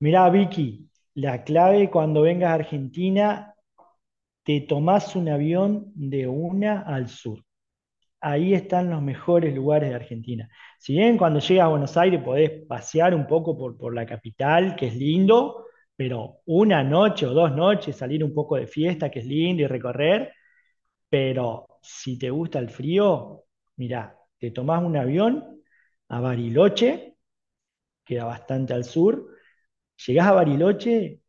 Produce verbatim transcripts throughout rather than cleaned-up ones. Mirá, Vicky, la clave cuando vengas a Argentina, te tomás un avión de una al sur. Ahí están los mejores lugares de Argentina. Si bien cuando llegas a Buenos Aires podés pasear un poco por, por la capital, que es lindo, pero una noche o dos noches salir un poco de fiesta, que es lindo, y recorrer, pero si te gusta el frío, mirá, te tomás un avión a Bariloche, queda bastante al sur, llegás a Bariloche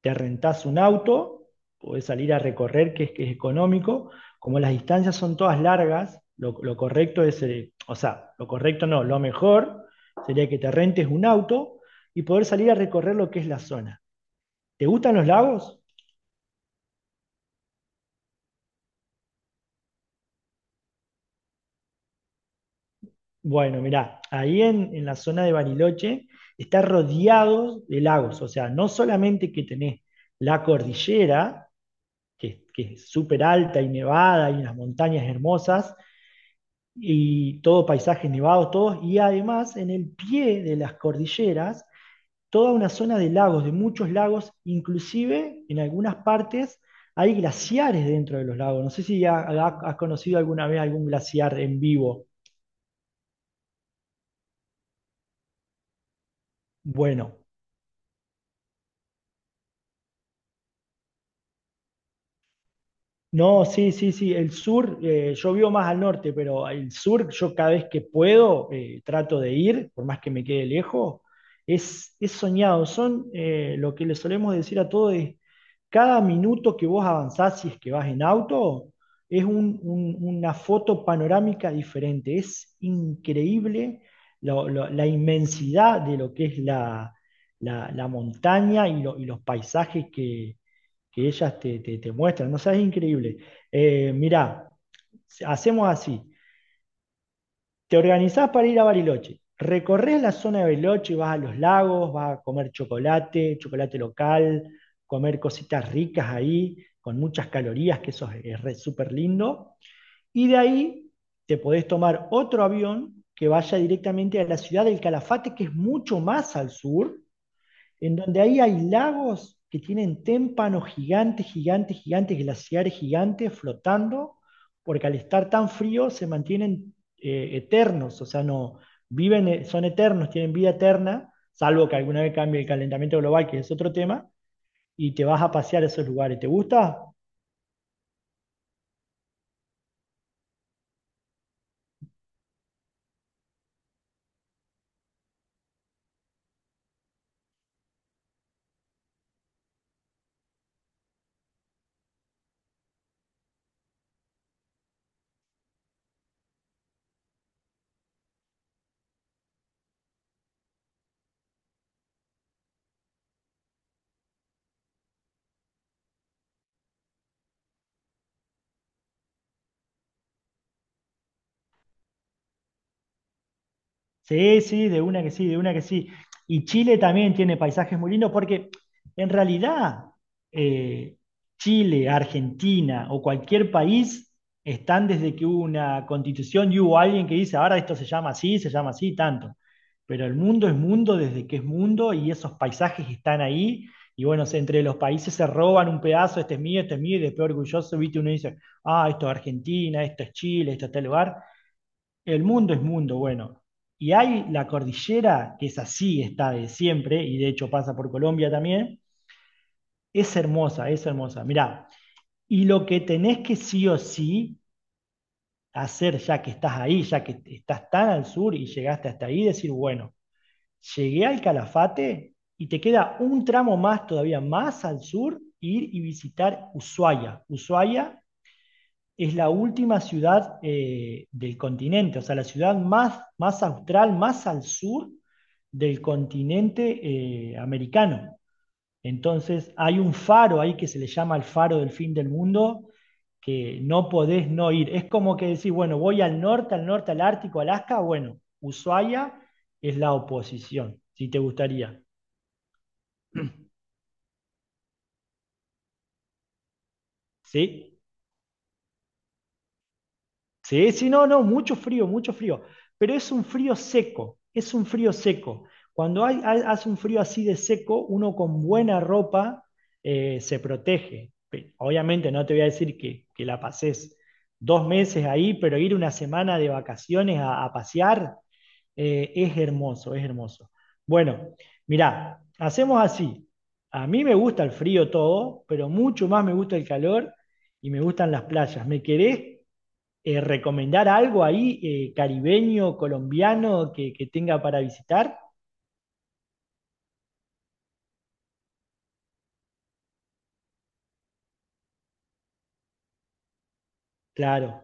te rentás un auto, podés salir a recorrer, que es, que es económico, como las distancias son todas largas, lo, lo correcto es, eh, o sea, lo correcto no, lo mejor sería que te rentes un auto y poder salir a recorrer lo que es la zona. ¿Te gustan los lagos? Bueno, mirá, ahí en, en la zona de Bariloche está rodeado de lagos, o sea, no solamente que tenés la cordillera, que, que es súper alta y nevada y unas montañas hermosas, y todo paisajes nevados, todos, y además en el pie de las cordilleras, toda una zona de lagos, de muchos lagos, inclusive en algunas partes hay glaciares dentro de los lagos. No sé si ha- ha- has conocido alguna vez algún glaciar en vivo. Bueno, no, sí, sí, sí. El sur, eh, yo vivo más al norte, pero el sur, yo cada vez que puedo, eh, trato de ir, por más que me quede lejos, es, es soñado. Son eh, lo que le solemos decir a todos es, cada minuto que vos avanzás, si es que vas en auto, es un- un- una foto panorámica diferente. Es increíble lo- lo- la inmensidad de lo que es la, la- la montaña y, lo- y los paisajes que ellas te, te, te muestran. No o es increíble. Eh, mirá, hacemos así. Te organizás para ir a Bariloche. Recorres la zona de Bariloche, vas a los lagos, vas a comer chocolate, chocolate local, comer cositas ricas ahí, con muchas calorías, que eso es, es súper lindo. Y de ahí te podés tomar otro avión que vaya directamente a la ciudad del Calafate, que es mucho más al sur, en donde ahí hay lagos que tienen témpanos gigantes, gigantes, gigantes, glaciares gigantes flotando, porque al estar tan frío se mantienen eh, eternos, o sea, no viven, eh, son eternos, tienen vida eterna, salvo que alguna vez cambie el calentamiento global, que es otro tema, y te vas a pasear a esos lugares. ¿Te gusta? Sí, sí, de una que sí, de una que sí. Y Chile también tiene paisajes muy lindos porque en realidad eh, Chile, Argentina o cualquier país están desde que hubo una constitución y hubo alguien que dice, ahora esto se llama así, se llama así, tanto. Pero el mundo es mundo desde que es mundo y esos paisajes están ahí. Y bueno, se- entre los países se roban un pedazo, este es mío, este es mío, y después orgulloso, viste, uno dice, ah, esto es Argentina, esto es Chile, esto es tal lugar. El mundo es mundo, bueno. Y hay la cordillera, que es así, está de siempre, y de hecho pasa por Colombia también. Es hermosa, es hermosa. Mirá, y lo que tenés que sí o sí hacer ya que estás ahí, ya que estás tan al sur y llegaste hasta ahí, decir, bueno, llegué al Calafate y te queda un tramo más, todavía más al sur, ir y visitar Ushuaia. Ushuaia es la última ciudad eh, del continente, o sea, la ciudad más, más austral, más al sur del continente eh, americano. Entonces hay un faro ahí que se le llama el faro del fin del mundo, que no podés no ir. Es como que decís, bueno, voy al norte, al norte, al Ártico, Alaska, bueno, Ushuaia es la oposición, si te gustaría. ¿Sí? Sí, sí, no, no, mucho frío, mucho frío, pero es un frío seco, es un frío seco. Cuando hay, hay- hace un frío así de seco, uno con buena ropa eh, se protege. Pe- Obviamente no te voy a decir que, que la pases dos meses ahí, pero ir una semana de vacaciones a, a pasear, eh, es hermoso, es hermoso. Bueno, mirá, hacemos así. A mí me gusta el frío todo, pero mucho más me gusta el calor y me gustan las playas. ¿Me querés eh, recomendar algo ahí eh, caribeño, colombiano que, que tenga para visitar? Claro.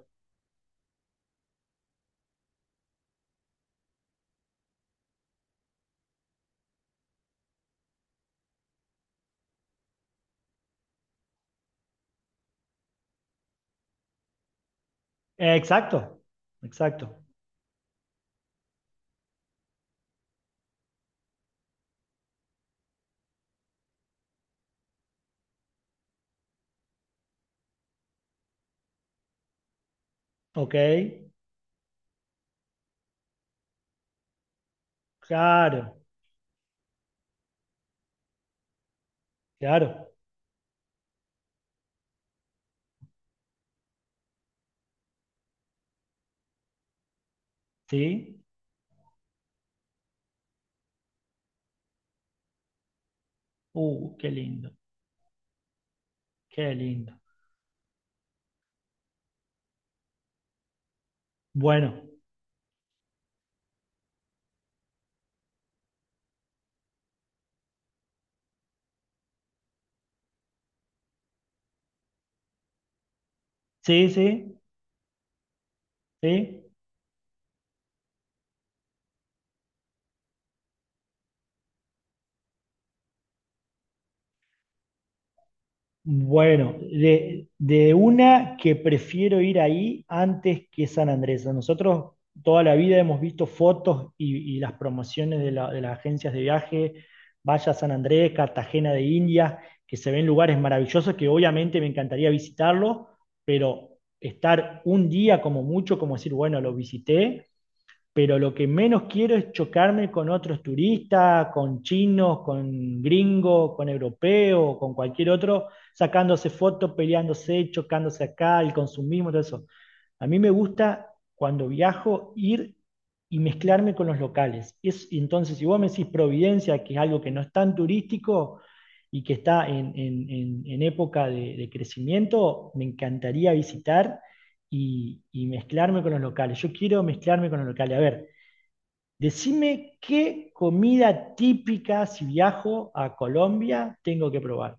Eh, exacto, exacto. Ok, claro, claro, sí. Uh, qué lindo, qué lindo. Bueno, sí, sí, sí. Bueno, de, de una que prefiero ir ahí antes que San Andrés. Nosotros toda la vida hemos visto fotos y, y las promociones de, la- de las agencias de viaje, vaya a San Andrés, Cartagena de Indias, que se ven lugares maravillosos que obviamente me encantaría visitarlos, pero estar un día como mucho, como decir, bueno, lo visité, pero lo que menos quiero es chocarme con otros turistas, con chinos, con gringos, con europeos, con cualquier otro, sacándose fotos, peleándose, chocándose acá, el consumismo, todo eso. A mí me gusta cuando viajo ir y mezclarme con los locales. Es, entonces, si vos me decís Providencia, que es algo que no es tan turístico y que está en, en- en- en época de, de crecimiento, me encantaría visitar y, y mezclarme con los locales. Yo quiero mezclarme con los locales. A ver, decime qué comida típica, si viajo a Colombia, tengo que probar.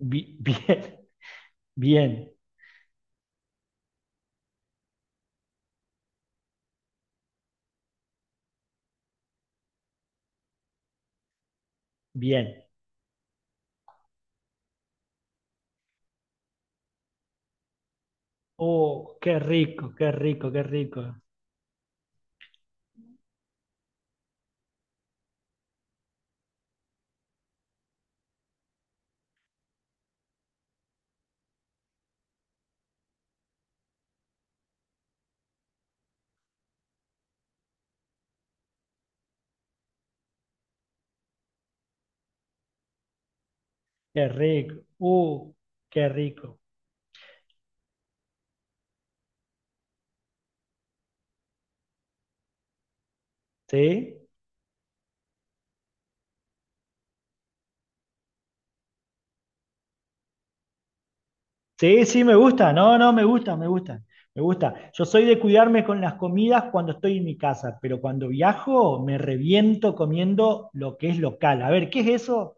Bi- bien, bien, bien. Oh, qué rico, qué rico, qué rico, qué rico. Uh, qué rico. ¿Sí? Sí, sí, me gusta. No, no, me gusta, me gusta. Me gusta. Yo soy de cuidarme con las comidas cuando estoy en mi casa, pero cuando viajo me reviento comiendo lo que es local. A ver, ¿qué es eso?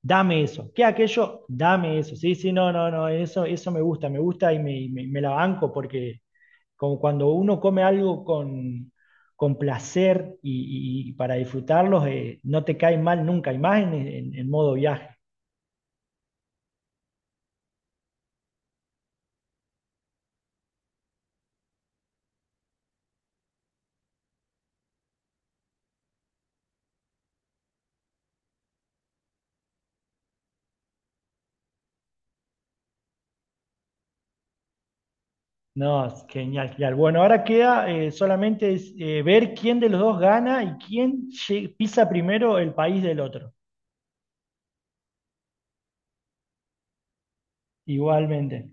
Dame eso. ¿Qué aquello? Dame eso. Sí, sí, no, no, no. Eso, eso me gusta, me gusta y me, y me- me la banco porque como cuando uno come algo con, con placer y, y- y para disfrutarlos, eh, no te cae mal nunca, y más en, en- en modo viaje. No, es genial, genial. Bueno, ahora queda eh, solamente es, eh, ver quién de los dos gana y quién lle- pisa primero el país del otro. Igualmente.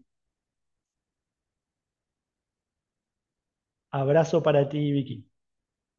Abrazo para ti, Vicky.